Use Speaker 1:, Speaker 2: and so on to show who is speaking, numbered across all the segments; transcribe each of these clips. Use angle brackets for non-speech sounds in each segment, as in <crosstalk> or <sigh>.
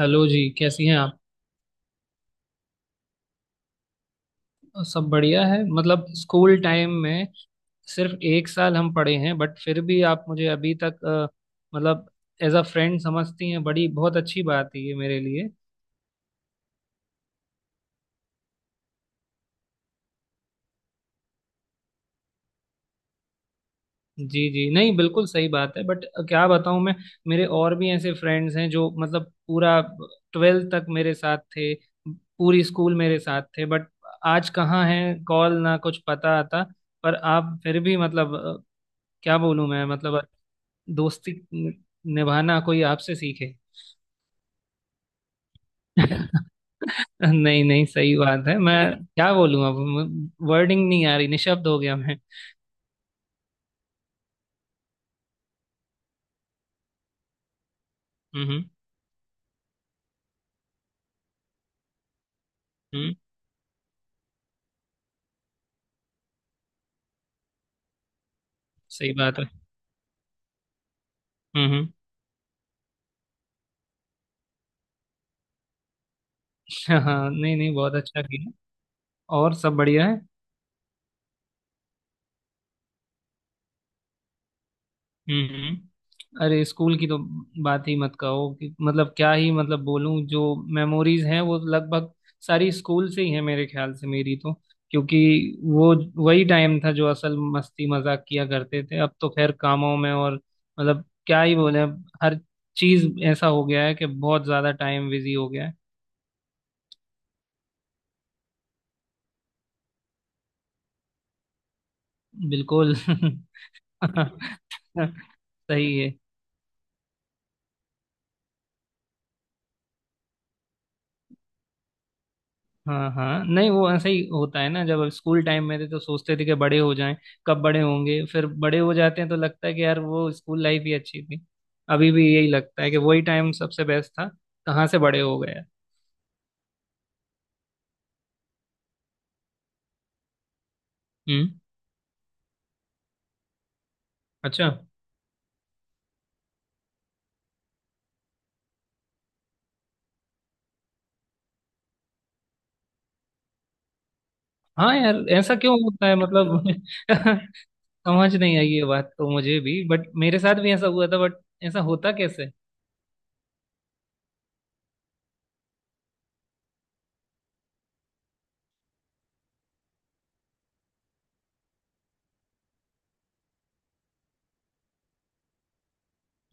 Speaker 1: Hello जी, कैसी हैं आप? सब बढ़िया है। मतलब, स्कूल टाइम में सिर्फ एक साल हम पढ़े हैं, बट फिर भी आप मुझे अभी तक, मतलब, एज अ फ्रेंड समझती हैं। बड़ी बहुत अच्छी बात है ये मेरे लिए। जी जी, नहीं बिल्कुल सही बात है, बट क्या बताऊं मैं। मेरे और भी ऐसे फ्रेंड्स हैं जो, मतलब, पूरा ट्वेल्थ तक मेरे साथ थे, पूरी स्कूल मेरे साथ थे, बट आज कहाँ हैं, कॉल ना कुछ पता आता। पर आप फिर भी, मतलब, क्या बोलूं मैं, मतलब, दोस्ती निभाना कोई आपसे सीखे। <laughs> नहीं नहीं, सही बात है मैं, क्या बोलूं, अब वर्डिंग नहीं आ रही, निशब्द हो गया मैं। हम्म हम्म, सही बात है। हम्म हम्म, हाँ हाँ, नहीं नहीं, बहुत अच्छा किया। और सब बढ़िया है। हम्म, अरे स्कूल की तो बात ही मत कहो कि, मतलब, क्या ही, मतलब, बोलूं, जो मेमोरीज हैं वो लगभग सारी स्कूल से ही है मेरे ख्याल से, मेरी तो। क्योंकि वो, वही टाइम था जो असल मस्ती मजाक किया करते थे। अब तो खैर कामों में और, मतलब, क्या ही बोले, अब हर चीज ऐसा हो गया है कि बहुत ज्यादा टाइम बिजी हो गया है। बिल्कुल। <laughs> सही है। हाँ हाँ, नहीं, वो ऐसा ही होता है ना, जब स्कूल टाइम में थे तो सोचते थे कि बड़े हो जाएं, कब बड़े होंगे। फिर बड़े हो जाते हैं तो लगता है कि यार वो स्कूल लाइफ ही अच्छी थी। अभी भी यही लगता है कि वही टाइम सबसे बेस्ट था, कहाँ से बड़े हो गए। हम्म, अच्छा। हाँ यार, ऐसा क्यों होता है, मतलब? <laughs> समझ नहीं आई ये बात तो मुझे भी, बट मेरे साथ भी ऐसा हुआ था। बट ऐसा होता कैसे?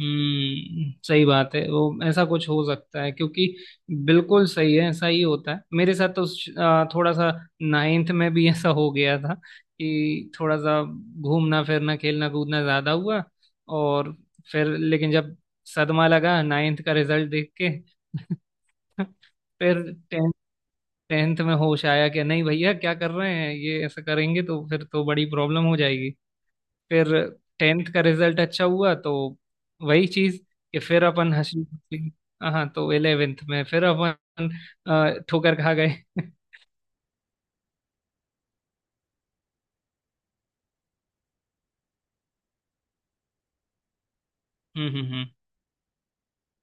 Speaker 1: हम्म, सही बात है। वो, ऐसा कुछ हो सकता है, क्योंकि बिल्कुल सही है, ऐसा ही होता है। मेरे साथ तो थोड़ा सा नाइन्थ में भी <laughs> ऐसा हो गया था कि, थोड़ा सा घूमना फिरना खेलना कूदना ज्यादा हुआ। और फिर लेकिन, जब सदमा लगा नाइन्थ का रिजल्ट देख के। <laughs> फिर टेंथ, टेंथ में होश आया कि नहीं भैया, क्या कर रहे हैं ये, ऐसा करेंगे तो फिर तो बड़ी प्रॉब्लम हो जाएगी। फिर टेंथ का रिजल्ट अच्छा हुआ, तो वही चीज कि फिर अपन हंसी खुशी। हाँ, तो इलेवेंथ में फिर अपन ठोकर खा गए। <laughs> हम्म,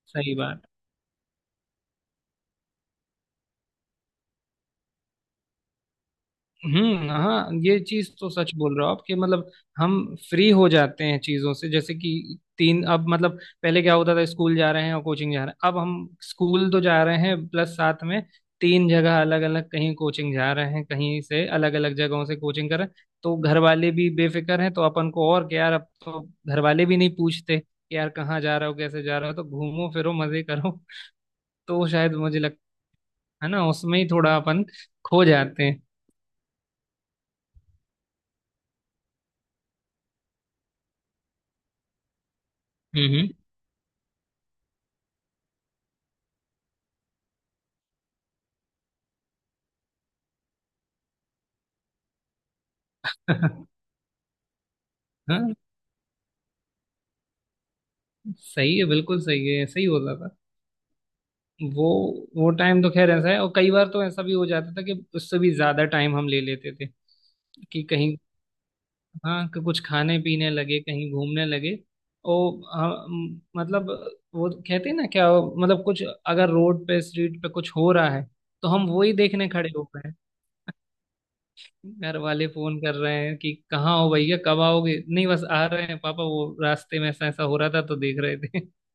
Speaker 1: सही बात। हम्म, हाँ, ये चीज तो सच बोल रहे हो आप कि, मतलब, हम फ्री हो जाते हैं चीजों से। जैसे कि तीन, अब, मतलब, पहले क्या होता था, स्कूल जा रहे हैं और कोचिंग जा रहे हैं। अब हम स्कूल तो जा रहे हैं, प्लस साथ में तीन जगह अलग अलग कहीं कोचिंग जा रहे हैं, कहीं से अलग अलग जगहों से कोचिंग कर रहे हैं। तो घर वाले भी बेफिक्र हैं, तो अपन को और क्या यार, अब तो घर वाले भी नहीं पूछते कि यार कहाँ जा रहे हो, कैसे जा रहे हो, तो घूमो फिरो मजे करो। <laughs> तो शायद मुझे लगता है ना, उसमें ही थोड़ा अपन खो जाते हैं। हम्म हम्म। <laughs> सही है, बिल्कुल सही है, ऐसा ही होता था। वो वो टाइम तो खैर ऐसा है, और कई बार तो ऐसा भी हो जाता था कि उससे भी ज्यादा टाइम हम ले लेते थे। कि कहीं, हाँ, कि कुछ खाने पीने लगे, कहीं घूमने लगे। और मतलब, वो कहते हैं ना क्या, मतलब, कुछ अगर रोड पे स्ट्रीट पे कुछ हो रहा है तो हम वो ही देखने खड़े हो गए हैं। घर वाले फोन कर रहे हैं कि कहाँ हो भैया, कब आओगे। नहीं बस आ रहे हैं पापा, वो रास्ते में ऐसा ऐसा हो रहा था तो देख रहे थे। <laughs>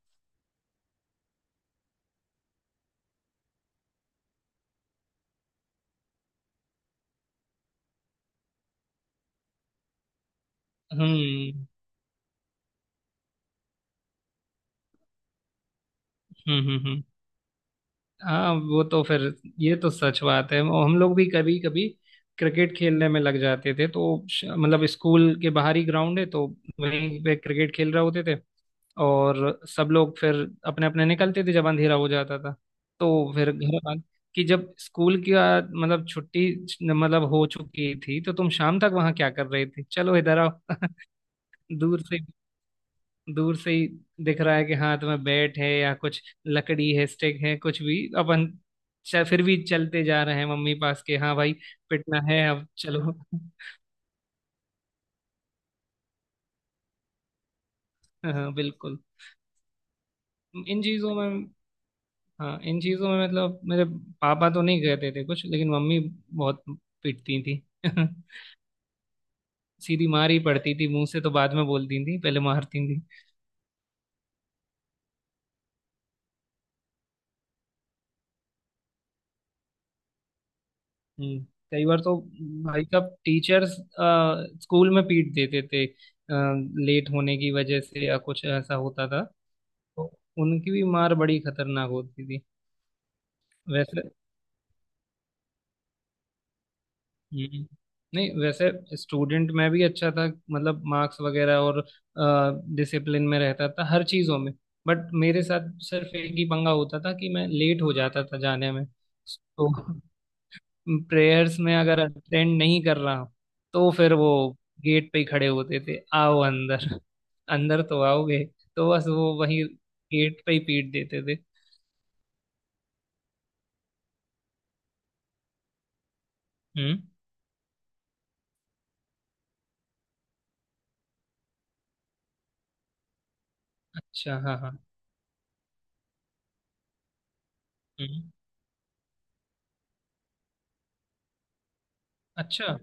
Speaker 1: हम्म हम्म हम्म हम्म। हाँ, वो तो फिर, ये तो सच बात है, वो हम लोग भी कभी कभी क्रिकेट खेलने में लग जाते थे, तो मतलब, स्कूल के बाहर ही ग्राउंड है तो वहीं पे क्रिकेट खेल रहे होते थे। और सब लोग फिर अपने अपने निकलते थे जब अंधेरा हो जाता था। तो फिर घर आ कि, जब स्कूल की मतलब छुट्टी, मतलब, हो चुकी थी तो तुम शाम तक वहां क्या कर रहे थे, चलो इधर आओ। <laughs> दूर से दूर से ही दिख रहा है कि हाथ में बैट है, या कुछ लकड़ी है, स्टिक है, कुछ भी। अपन फिर भी चलते जा रहे हैं, मम्मी पास के, हाँ भाई, पिटना है अब, चलो। <laughs> हाँ बिल्कुल, इन चीजों में। हाँ, इन चीजों में, मतलब, मेरे पापा तो नहीं कहते थे कुछ, लेकिन मम्मी बहुत पिटती थी। <laughs> सीधी मार ही पड़ती थी, मुंह से तो बाद में बोलती थी, पहले मारती। हम्म, कई बार तो भाई साहब टीचर्स स्कूल में पीट देते थे, लेट होने की वजह से या कुछ ऐसा होता था, तो उनकी भी मार बड़ी खतरनाक होती थी। वैसे, हम्म, नहीं, वैसे स्टूडेंट में भी अच्छा था, मतलब मार्क्स वगैरह, और डिसिप्लिन में रहता था हर चीज़ों में। बट मेरे साथ सिर्फ एक ही पंगा होता था कि मैं लेट हो जाता था जाने में। तो प्रेयर्स में अगर अटेंड नहीं कर रहा हूँ, तो फिर वो गेट पे ही खड़े होते थे, आओ अंदर, अंदर तो आओगे। तो बस वो वही गेट पे ही पीट देते थे। हम्म, अच्छा, हाँ हाँ। हम्म, अच्छा।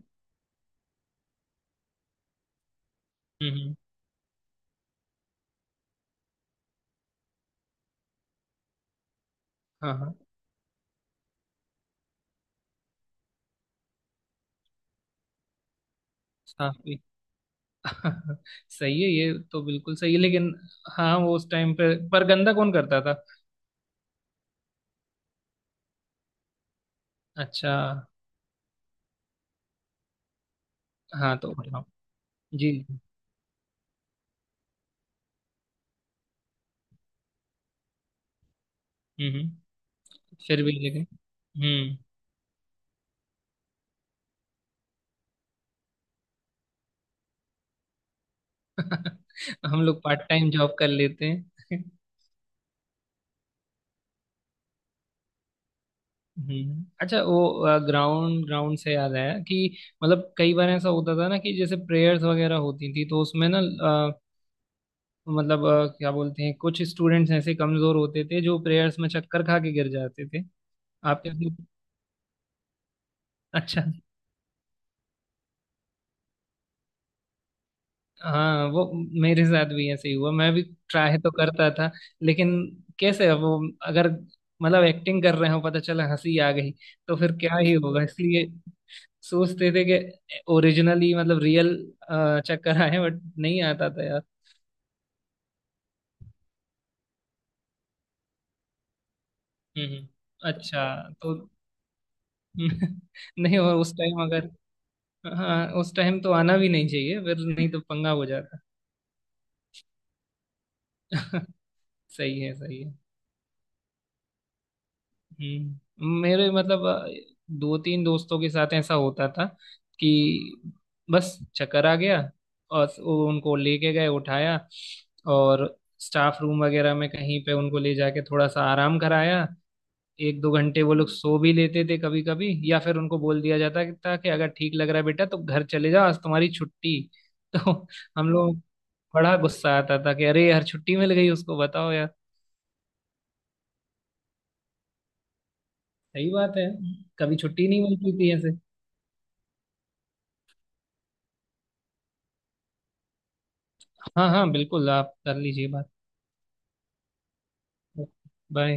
Speaker 1: हम्म हम्म, हाँ हाँ, साफ भी। <laughs> सही है, ये तो बिल्कुल सही है, लेकिन हाँ, वो उस टाइम पे पर गंदा कौन करता था? अच्छा, हाँ तो बताओ। जी। हम्म हम्म, फिर भी लेकिन। हम्म। <laughs> हम लोग पार्ट टाइम जॉब कर लेते हैं। <laughs> हम्म, अच्छा, वो ग्राउंड, ग्राउंड से याद आया कि, मतलब, कई बार ऐसा होता था ना कि, जैसे प्रेयर्स वगैरह होती थी तो उसमें ना मतलब क्या बोलते हैं, कुछ स्टूडेंट्स ऐसे कमजोर होते थे जो प्रेयर्स में चक्कर खा के गिर जाते थे। आपके? <laughs> अच्छा, हाँ वो मेरे साथ भी ऐसे ही हुआ, मैं भी ट्राई तो करता था, लेकिन कैसे, अब वो अगर, मतलब, एक्टिंग कर रहे हो, पता चला हंसी आ गई, तो फिर क्या ही होगा। इसलिए सोचते थे कि ओरिजिनली, मतलब रियल चक्कर आए, बट नहीं आता था यार। हम्म हम्म। अच्छा, तो? <laughs> नहीं, और उस टाइम अगर, हाँ, उस टाइम तो आना भी नहीं चाहिए फिर, नहीं तो पंगा हो जाता। <laughs> सही है, सही है। मेरे, मतलब, दो तीन दोस्तों के साथ ऐसा होता था कि बस चक्कर आ गया, और वो उनको लेके गए, उठाया, और स्टाफ रूम वगैरह में कहीं पे उनको ले जाके थोड़ा सा आराम कराया। एक दो घंटे वो लोग सो भी लेते थे कभी कभी, या फिर उनको बोल दिया जाता था कि, अगर ठीक लग रहा है बेटा तो घर चले जाओ, आज तुम्हारी छुट्टी। <laughs> तो हम लोग, बड़ा गुस्सा आता था कि अरे यार, छुट्टी मिल गई उसको, बताओ यार। सही बात है, कभी छुट्टी नहीं मिलती थी ऐसे। हाँ हाँ बिल्कुल, आप कर लीजिए बात। बाय।